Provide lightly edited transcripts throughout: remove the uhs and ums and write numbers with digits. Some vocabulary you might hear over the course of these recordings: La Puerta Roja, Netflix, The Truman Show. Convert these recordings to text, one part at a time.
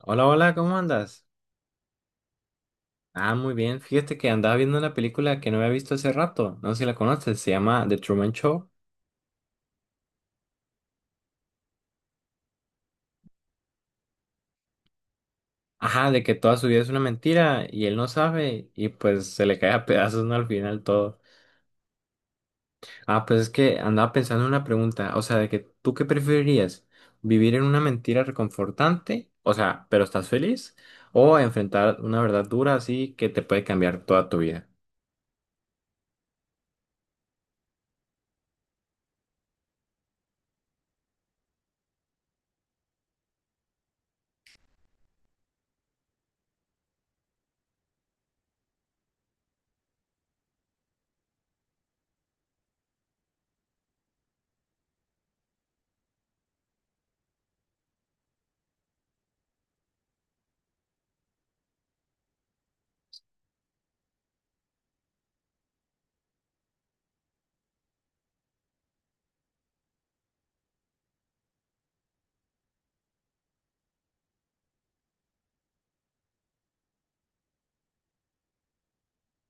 Hola, hola, ¿cómo andas? Ah, muy bien. Fíjate que andaba viendo una película que no había visto hace rato. No sé si la conoces, se llama The Truman Show. Ajá, de que toda su vida es una mentira y él no sabe y pues se le cae a pedazos, ¿no? Al final todo. Ah, pues es que andaba pensando en una pregunta, o sea, de que tú qué preferirías, vivir en una mentira reconfortante, o sea, pero estás feliz, o enfrentar una verdad dura así que te puede cambiar toda tu vida.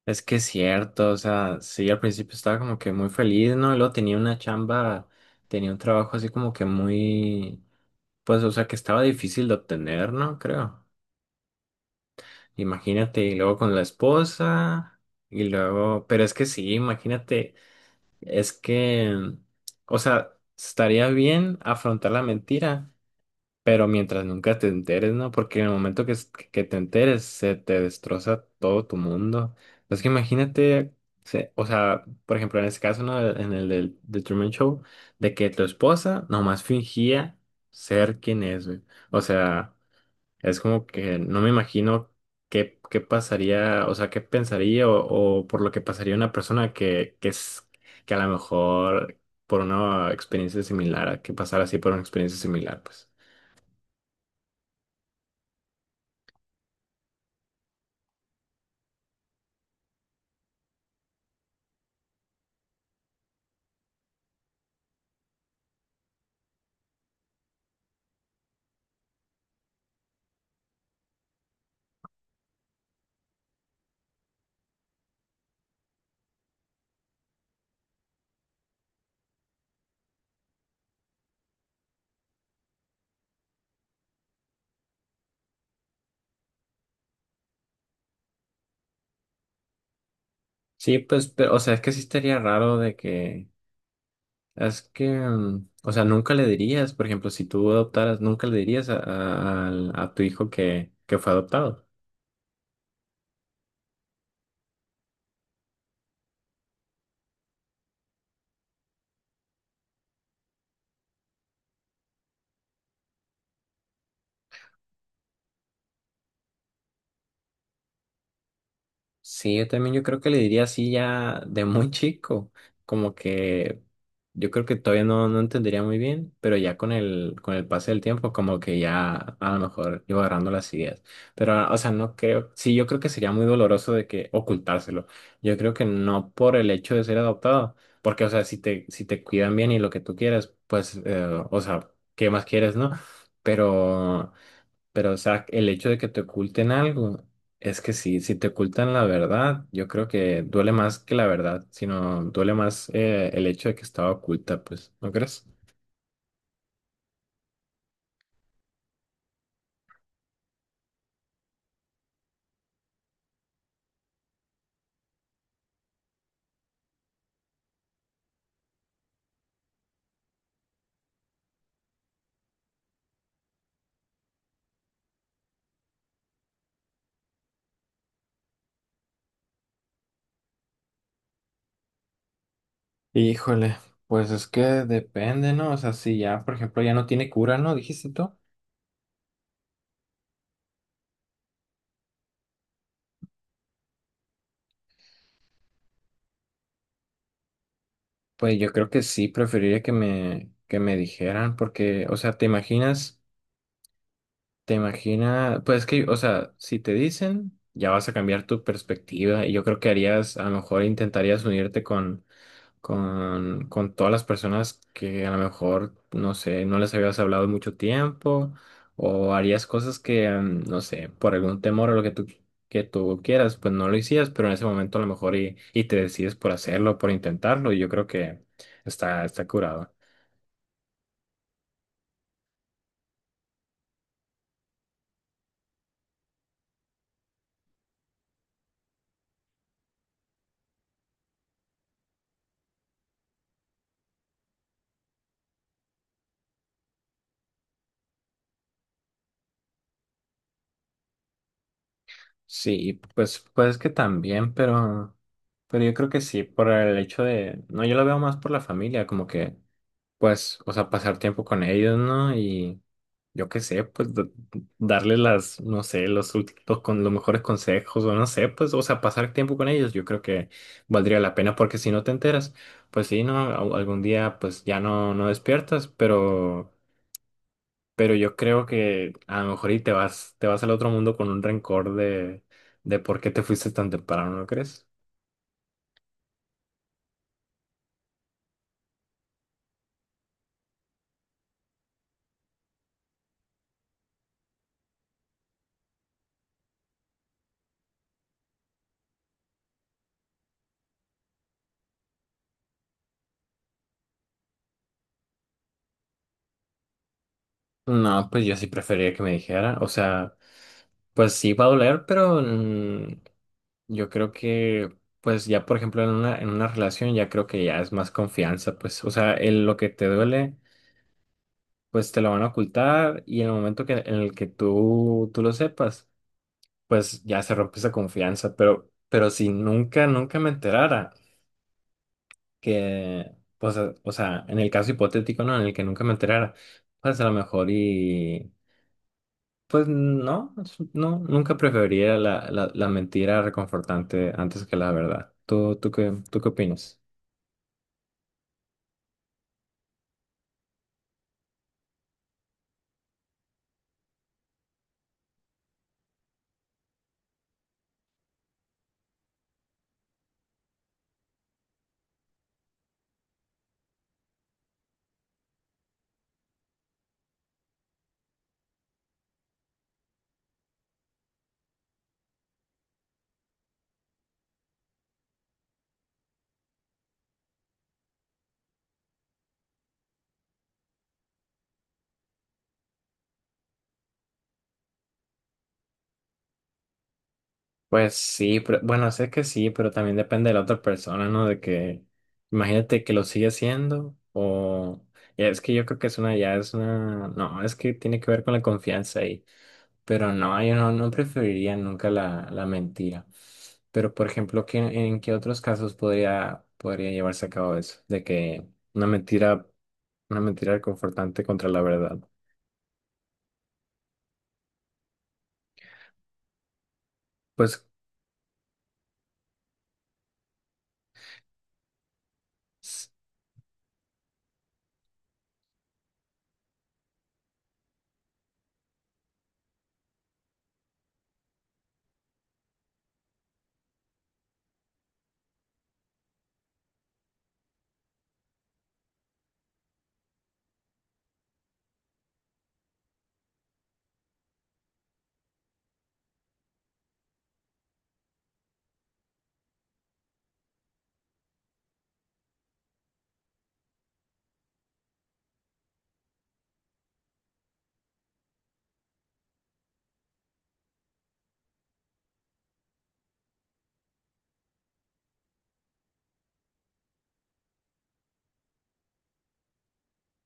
Es que es cierto, o sea, sí, al principio estaba como que muy feliz, ¿no? Y luego tenía una chamba, tenía un trabajo así como que muy, pues, o sea, que estaba difícil de obtener, ¿no? Creo. Imagínate, y luego con la esposa, y luego, pero es que sí, imagínate, es que, o sea, estaría bien afrontar la mentira, pero mientras nunca te enteres, ¿no? Porque en el momento que, que te enteres, se te destroza todo tu mundo. Es que imagínate, o sea, por ejemplo, en ese caso, ¿no? En el del The Truman Show, de que tu esposa nomás fingía ser quien es, güey. O sea, es como que no me imagino qué pasaría, o sea, qué pensaría o por lo que pasaría una persona es, que a lo mejor por una experiencia similar, a que pasara así por una experiencia similar, pues. Sí, pues, pero, o sea, es que sí estaría raro de que, es que, o sea, nunca le dirías, por ejemplo, si tú adoptaras, nunca le dirías a tu hijo que fue adoptado. Sí, yo creo que le diría así ya de muy chico, como que yo creo que todavía no, no entendería muy bien, pero ya con con el pase del tiempo como que ya a lo mejor iba agarrando las ideas. Pero, ah, o sea, no creo, sí, yo creo que sería muy doloroso de que ocultárselo. Yo creo que no por el hecho de ser adoptado, porque, o sea, si te cuidan bien y lo que tú quieres, pues, o sea, ¿qué más quieres, no? Pero... Pero, o sea, el hecho de que te oculten algo, es que sí, si te ocultan la verdad, yo creo que duele más que la verdad, sino duele más el hecho de que estaba oculta, pues, ¿no crees? Híjole, pues es que depende, ¿no? O sea, si ya, por ejemplo, ya no tiene cura, ¿no? Dijiste tú. Pues yo creo que sí, preferiría que me dijeran, porque, o sea, te imaginas, pues es que, o sea, si te dicen, ya vas a cambiar tu perspectiva y yo creo que harías, a lo mejor intentarías unirte con todas las personas que a lo mejor, no sé, no les habías hablado en mucho tiempo o harías cosas que, no sé, por algún temor o lo que tú quieras, pues no lo hicías, pero en ese momento a lo mejor y te decides por hacerlo, por intentarlo y yo creo que está, está curado. Sí, pues, pues que también, pero yo creo que sí, por el hecho de, no, yo lo veo más por la familia, como que, pues, o sea, pasar tiempo con ellos, ¿no? Yo qué sé, pues darle las, no sé, los, últimos con los mejores consejos o no sé, pues, o sea, pasar tiempo con ellos, yo creo que valdría la pena porque si no te enteras, pues sí, no, algún día pues ya no, no despiertas, pero yo creo que a lo mejor y te vas al otro mundo con un rencor de por qué te fuiste tan temprano, ¿no crees? No, pues yo sí preferiría que me dijera, o sea, pues sí va a doler, pero yo creo que, pues ya por ejemplo en una relación ya creo que ya es más confianza, pues, o sea, lo que te duele, pues te lo van a ocultar y en el momento que, en el que tú lo sepas, pues ya se rompe esa confianza, pero si nunca, nunca me enterara que, pues, o sea, en el caso hipotético, ¿no? En el que nunca me enterara, pues a lo mejor y, pues no, no, nunca preferiría la mentira reconfortante antes que la verdad. ¿Tú, tú qué opinas? Pues sí, pero bueno, sé que sí, pero también depende de la otra persona, ¿no? De que, imagínate que lo sigue haciendo o... ya, es que yo creo que es una, ya es una... No, es que tiene que ver con la confianza ahí. Pero no, yo no, no preferiría nunca la, la mentira. Pero, por ejemplo, ¿qué, en qué otros casos podría llevarse a cabo eso? De que una mentira, una mentira reconfortante contra la verdad. Pues...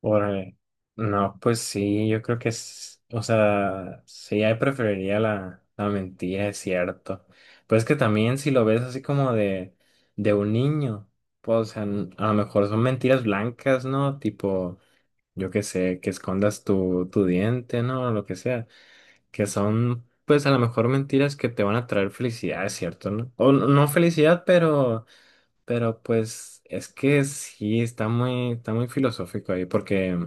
Órale. No, pues sí, yo creo que es, o sea, sí, ahí preferiría la, la mentira, es cierto. Pues que también si lo ves así como de un niño, pues, o sea, a lo mejor son mentiras blancas, ¿no? Tipo, yo qué sé, que escondas tu, tu diente, ¿no? Lo que sea. Que son, pues, a lo mejor mentiras que te van a traer felicidad, es cierto, ¿no? O no felicidad, pero pues, es que sí, está muy filosófico ahí, porque...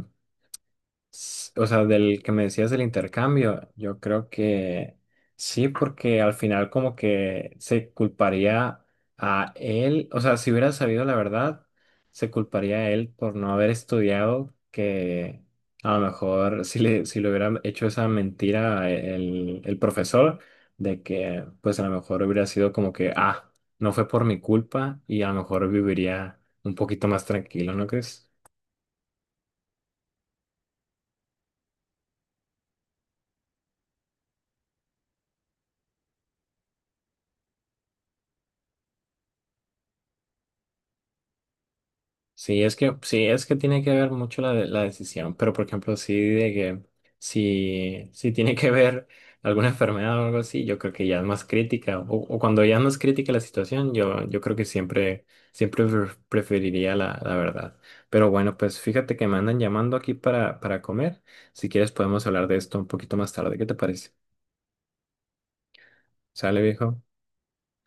O sea, del que me decías del intercambio, yo creo que sí, porque al final como que se culparía a él, o sea, si hubiera sabido la verdad, se culparía a él por no haber estudiado, que a lo mejor si le hubiera hecho esa mentira el profesor, de que pues a lo mejor hubiera sido como que, ah, no fue por mi culpa y a lo mejor viviría un poquito más tranquilo, ¿no crees? Sí, es que tiene que ver mucho la, la decisión, pero por ejemplo, sí de que si, si tiene que ver alguna enfermedad o algo así, yo creo que ya es más crítica, o cuando ya no es crítica la situación, yo creo que siempre, siempre preferiría la, la verdad. Pero bueno, pues fíjate que me andan llamando aquí para comer, si quieres podemos hablar de esto un poquito más tarde, ¿qué te parece? ¿Sale, viejo?